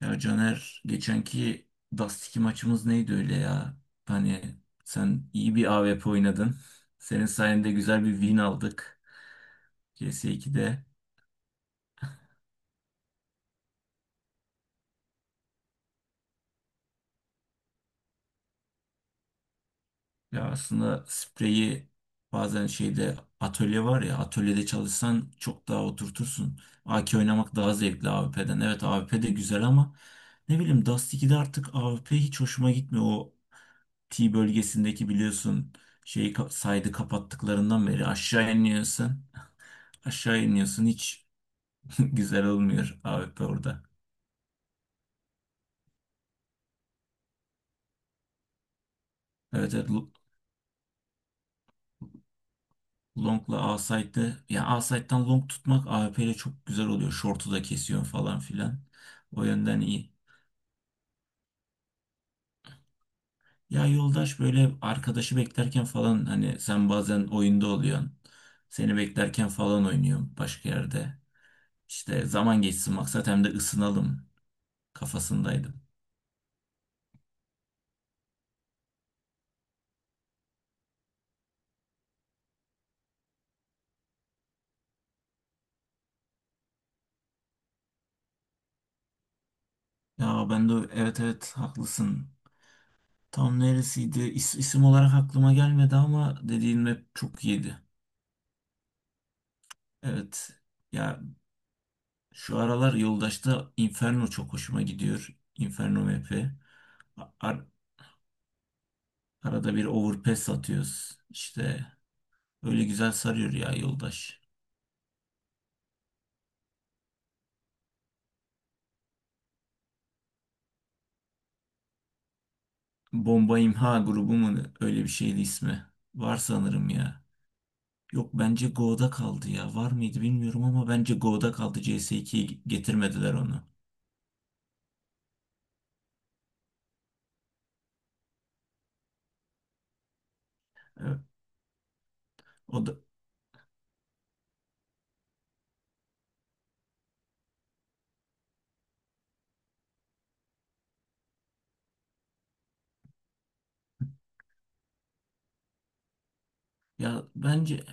Ya Caner, geçenki Dust2 maçımız neydi öyle ya? Hani sen iyi bir A W P oynadın. Senin sayende güzel bir win aldık CS2'de. Ya aslında spreyi bazen şeyde atölye var ya, atölyede çalışsan çok daha oturtursun. AK oynamak daha zevkli A W P'den. Evet, A W P de güzel ama ne bileyim, Dust2'de artık A W P hiç hoşuma gitmiyor. O T bölgesindeki biliyorsun side'ı kapattıklarından beri aşağı iniyorsun. Aşağı iniyorsun hiç güzel olmuyor AWP orada. Evet, evet, Long'la A-Side'de, yani A-Side'dan Long tutmak AWP ile çok güzel oluyor. Short'u da kesiyor falan filan. O yönden iyi. Ya yoldaş böyle arkadaşı beklerken falan, hani sen bazen oyunda oluyorsun. Seni beklerken falan oynuyorum başka yerde. İşte zaman geçsin maksat, hem de ısınalım kafasındaydım. Ya ben de evet, evet haklısın. Tam neresiydi? İsim olarak aklıma gelmedi ama dediğin rap çok iyiydi. Evet. Ya şu aralar Yoldaş'ta Inferno çok hoşuma gidiyor. Inferno map'i. A- ar- Arada bir overpass atıyoruz. İşte öyle güzel sarıyor ya Yoldaş. Bomba İmha grubu mu, ne? Öyle bir şeydi ismi. Var sanırım ya. Yok, bence Go'da kaldı ya. Var mıydı bilmiyorum ama bence Go'da kaldı. CS2'ye getirmediler onu. Evet. O da. Ya bence.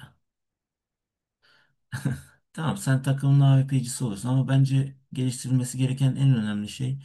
Tamam, sen takımın AVP'cisi olursun ama bence geliştirilmesi gereken en önemli şey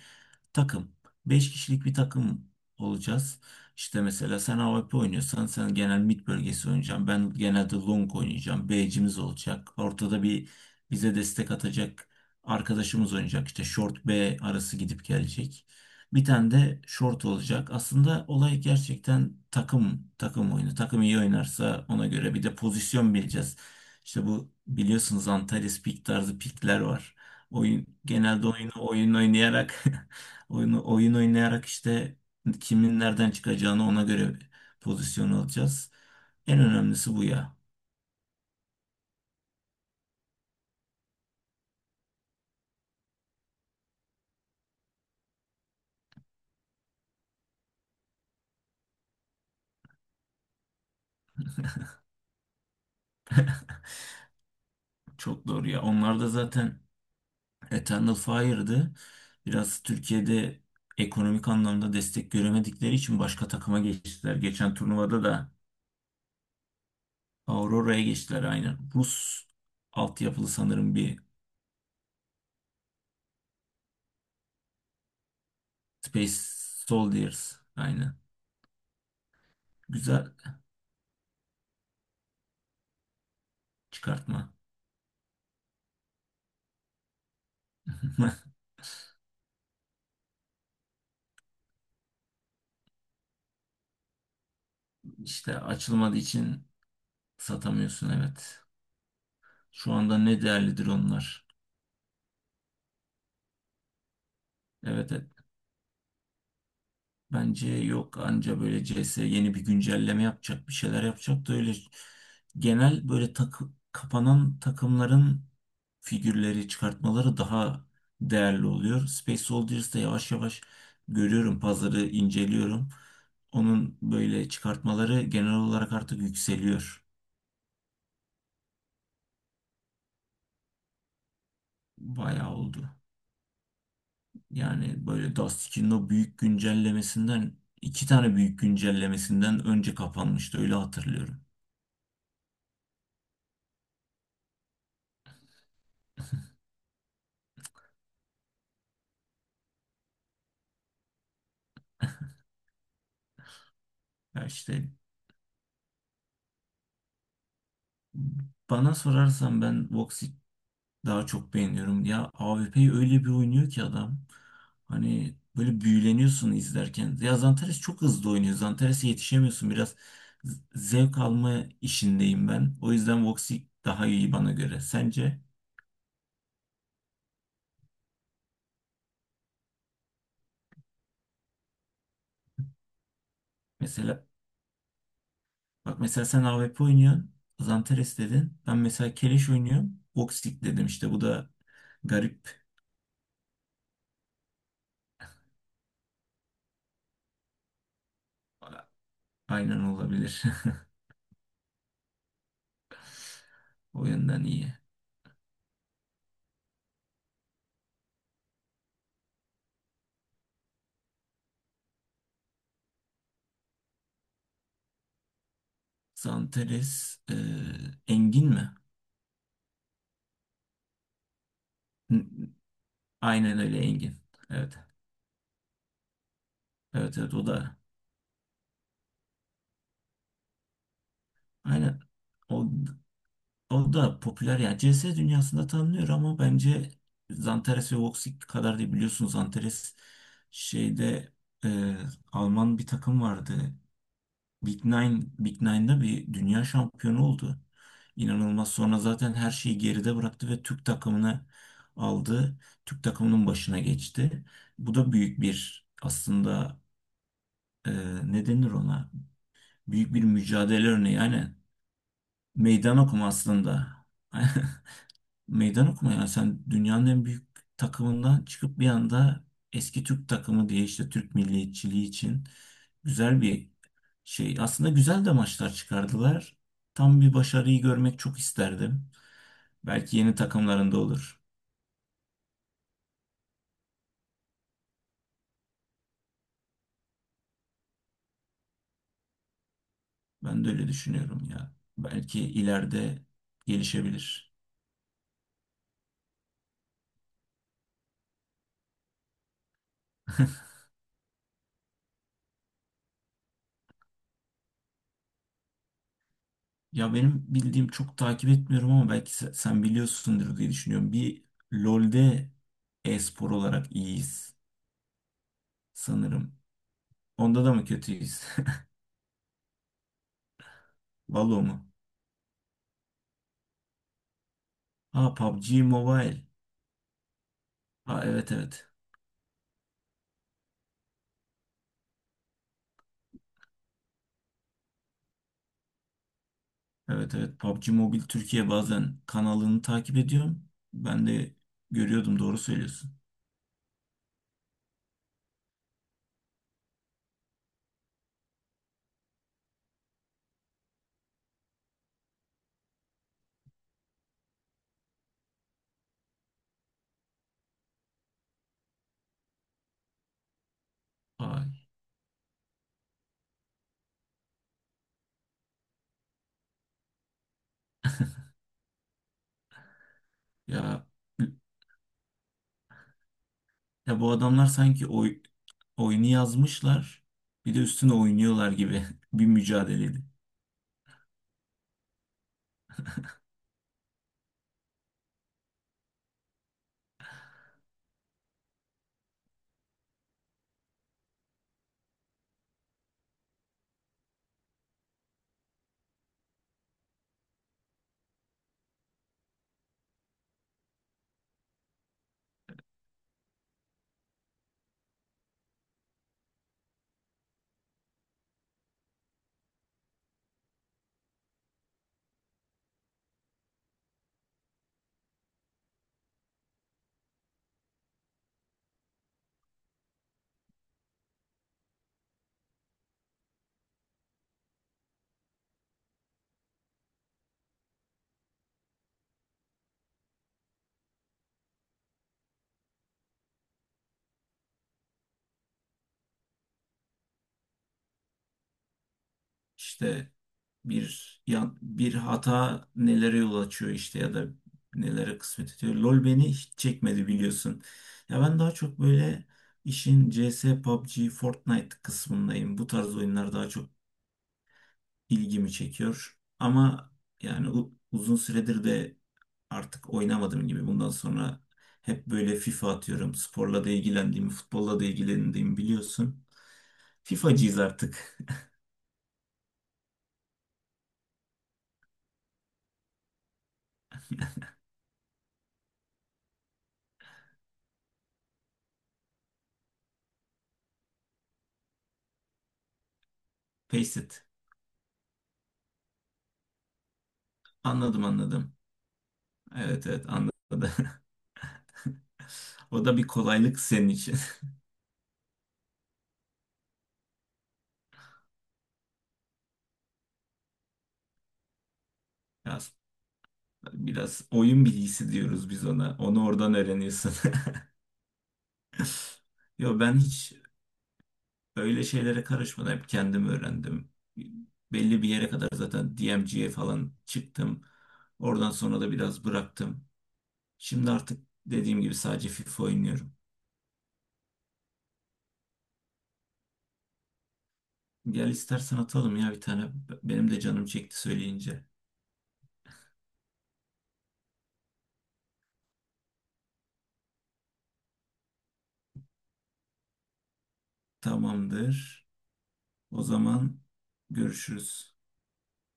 takım. Beş kişilik bir takım olacağız. İşte mesela sen AWP oynuyorsan sen genel mid bölgesi oynayacaksın. Ben genelde long oynayacağım. B'cimiz olacak. Ortada bir bize destek atacak arkadaşımız oynayacak. İşte short B arası gidip gelecek. Bir tane de short olacak. Aslında olay gerçekten takım takım oyunu. Takım iyi oynarsa ona göre bir de pozisyon bileceğiz. İşte bu biliyorsunuz, Antares pik tarzı pikler var. Oyun genelde oyunu oyun oynayarak oyunu, oyun oynayarak işte kimin nereden çıkacağını ona göre pozisyon alacağız. En önemlisi bu ya. Çok doğru ya. Onlar da zaten Eternal Fire'dı. Biraz Türkiye'de ekonomik anlamda destek göremedikleri için başka takıma geçtiler. Geçen turnuvada da Aurora'ya geçtiler aynen. Rus altyapılı sanırım bir Space Soldiers aynen. Güzel çıkartma. İşte açılmadığı için satamıyorsun, evet. Şu anda ne değerlidir onlar? Evet, evet. Bence yok, anca böyle C S yeni bir güncelleme yapacak, bir şeyler yapacak da öyle genel böyle kapanan takımların figürleri çıkartmaları daha değerli oluyor. Space Soldiers'da yavaş yavaş görüyorum, pazarı inceliyorum. Onun böyle çıkartmaları genel olarak artık yükseliyor. Bayağı oldu. Yani böyle Dusty'nin o büyük güncellemesinden, iki tane büyük güncellemesinden önce kapanmıştı öyle hatırlıyorum. Ya işte, bana sorarsan ben Voxit daha çok beğeniyorum. Ya AWP'yi öyle bir oynuyor ki adam. Hani böyle büyüleniyorsun izlerken. Ya Zantares çok hızlı oynuyor. Zantares'e yetişemiyorsun. Biraz zevk alma işindeyim ben. O yüzden Voxit daha iyi bana göre. Sence? Mesela Bak mesela sen AWP oynuyorsun. Zanteres dedin. Ben mesela Keleş oynuyorum. Voxic dedim işte. Bu da garip. A- Aynen olabilir. O yönden iyi. Zanteres, Engin mi? N- Aynen öyle Engin. Evet. Evet, evet o da. Aynen. O, o da popüler yani. CS dünyasında tanınıyor ama bence Zanteres ve Voxic kadar değil biliyorsunuz. Zanteres şeyde, e, Alman bir takım vardı. Big Nine'da bir dünya şampiyonu oldu. İnanılmaz. Sonra zaten her şeyi geride bıraktı ve Türk takımını aldı. Türk takımının başına geçti. Bu da büyük bir aslında, e, ne denir ona? Büyük bir mücadele örneği. Yani meydan okuma aslında. Meydan okuma, yani sen dünyanın en büyük takımından çıkıp bir anda eski Türk takımı diye, işte Türk milliyetçiliği için güzel bir şey, aslında güzel de maçlar çıkardılar. Tam bir başarıyı görmek çok isterdim. Belki yeni takımlarında olur. Ben de öyle düşünüyorum ya. Belki ileride gelişebilir. Ya benim bildiğim, çok takip etmiyorum ama belki sen biliyorsundur diye düşünüyorum. Bir LoL'de e-spor olarak iyiyiz sanırım. Onda da mı kötüyüz? Valo mu? Ha, PUBG Mobile. Ha, evet, evet. Evet, evet PUBG Mobile Türkiye bazen kanalını takip ediyorum. Ben de görüyordum, doğru söylüyorsun. Ay, ya ya bu adamlar sanki oyunu yazmışlar bir de üstüne oynuyorlar gibi bir mücadeleydi. İşte bir hata nelere yol açıyor, işte ya da nelere kısmet ediyor. LoL beni hiç çekmedi biliyorsun. Ya ben daha çok böyle işin CS, PUBG, Fortnite kısmındayım. Bu tarz oyunlar daha çok ilgimi çekiyor. Ama yani uzun süredir de artık oynamadığım gibi bundan sonra hep böyle FIFA atıyorum. Sporla da ilgilendiğimi, futbolla da ilgilendiğimi biliyorsun. FIFA'cıyız artık. Pace it. Anladım, anladım. Evet, evet, anladım. O da bir kolaylık senin için. Biraz, biraz oyun bilgisi diyoruz biz ona. Onu oradan öğreniyorsun. Yo ben hiç öyle şeylere karışmadan hep kendim öğrendim. Belli bir yere kadar zaten DMG'ye falan çıktım. Oradan sonra da biraz bıraktım. Şimdi artık dediğim gibi sadece FIFA oynuyorum. Gel istersen atalım ya bir tane. Benim de canım çekti söyleyince. Tamamdır. O zaman görüşürüz.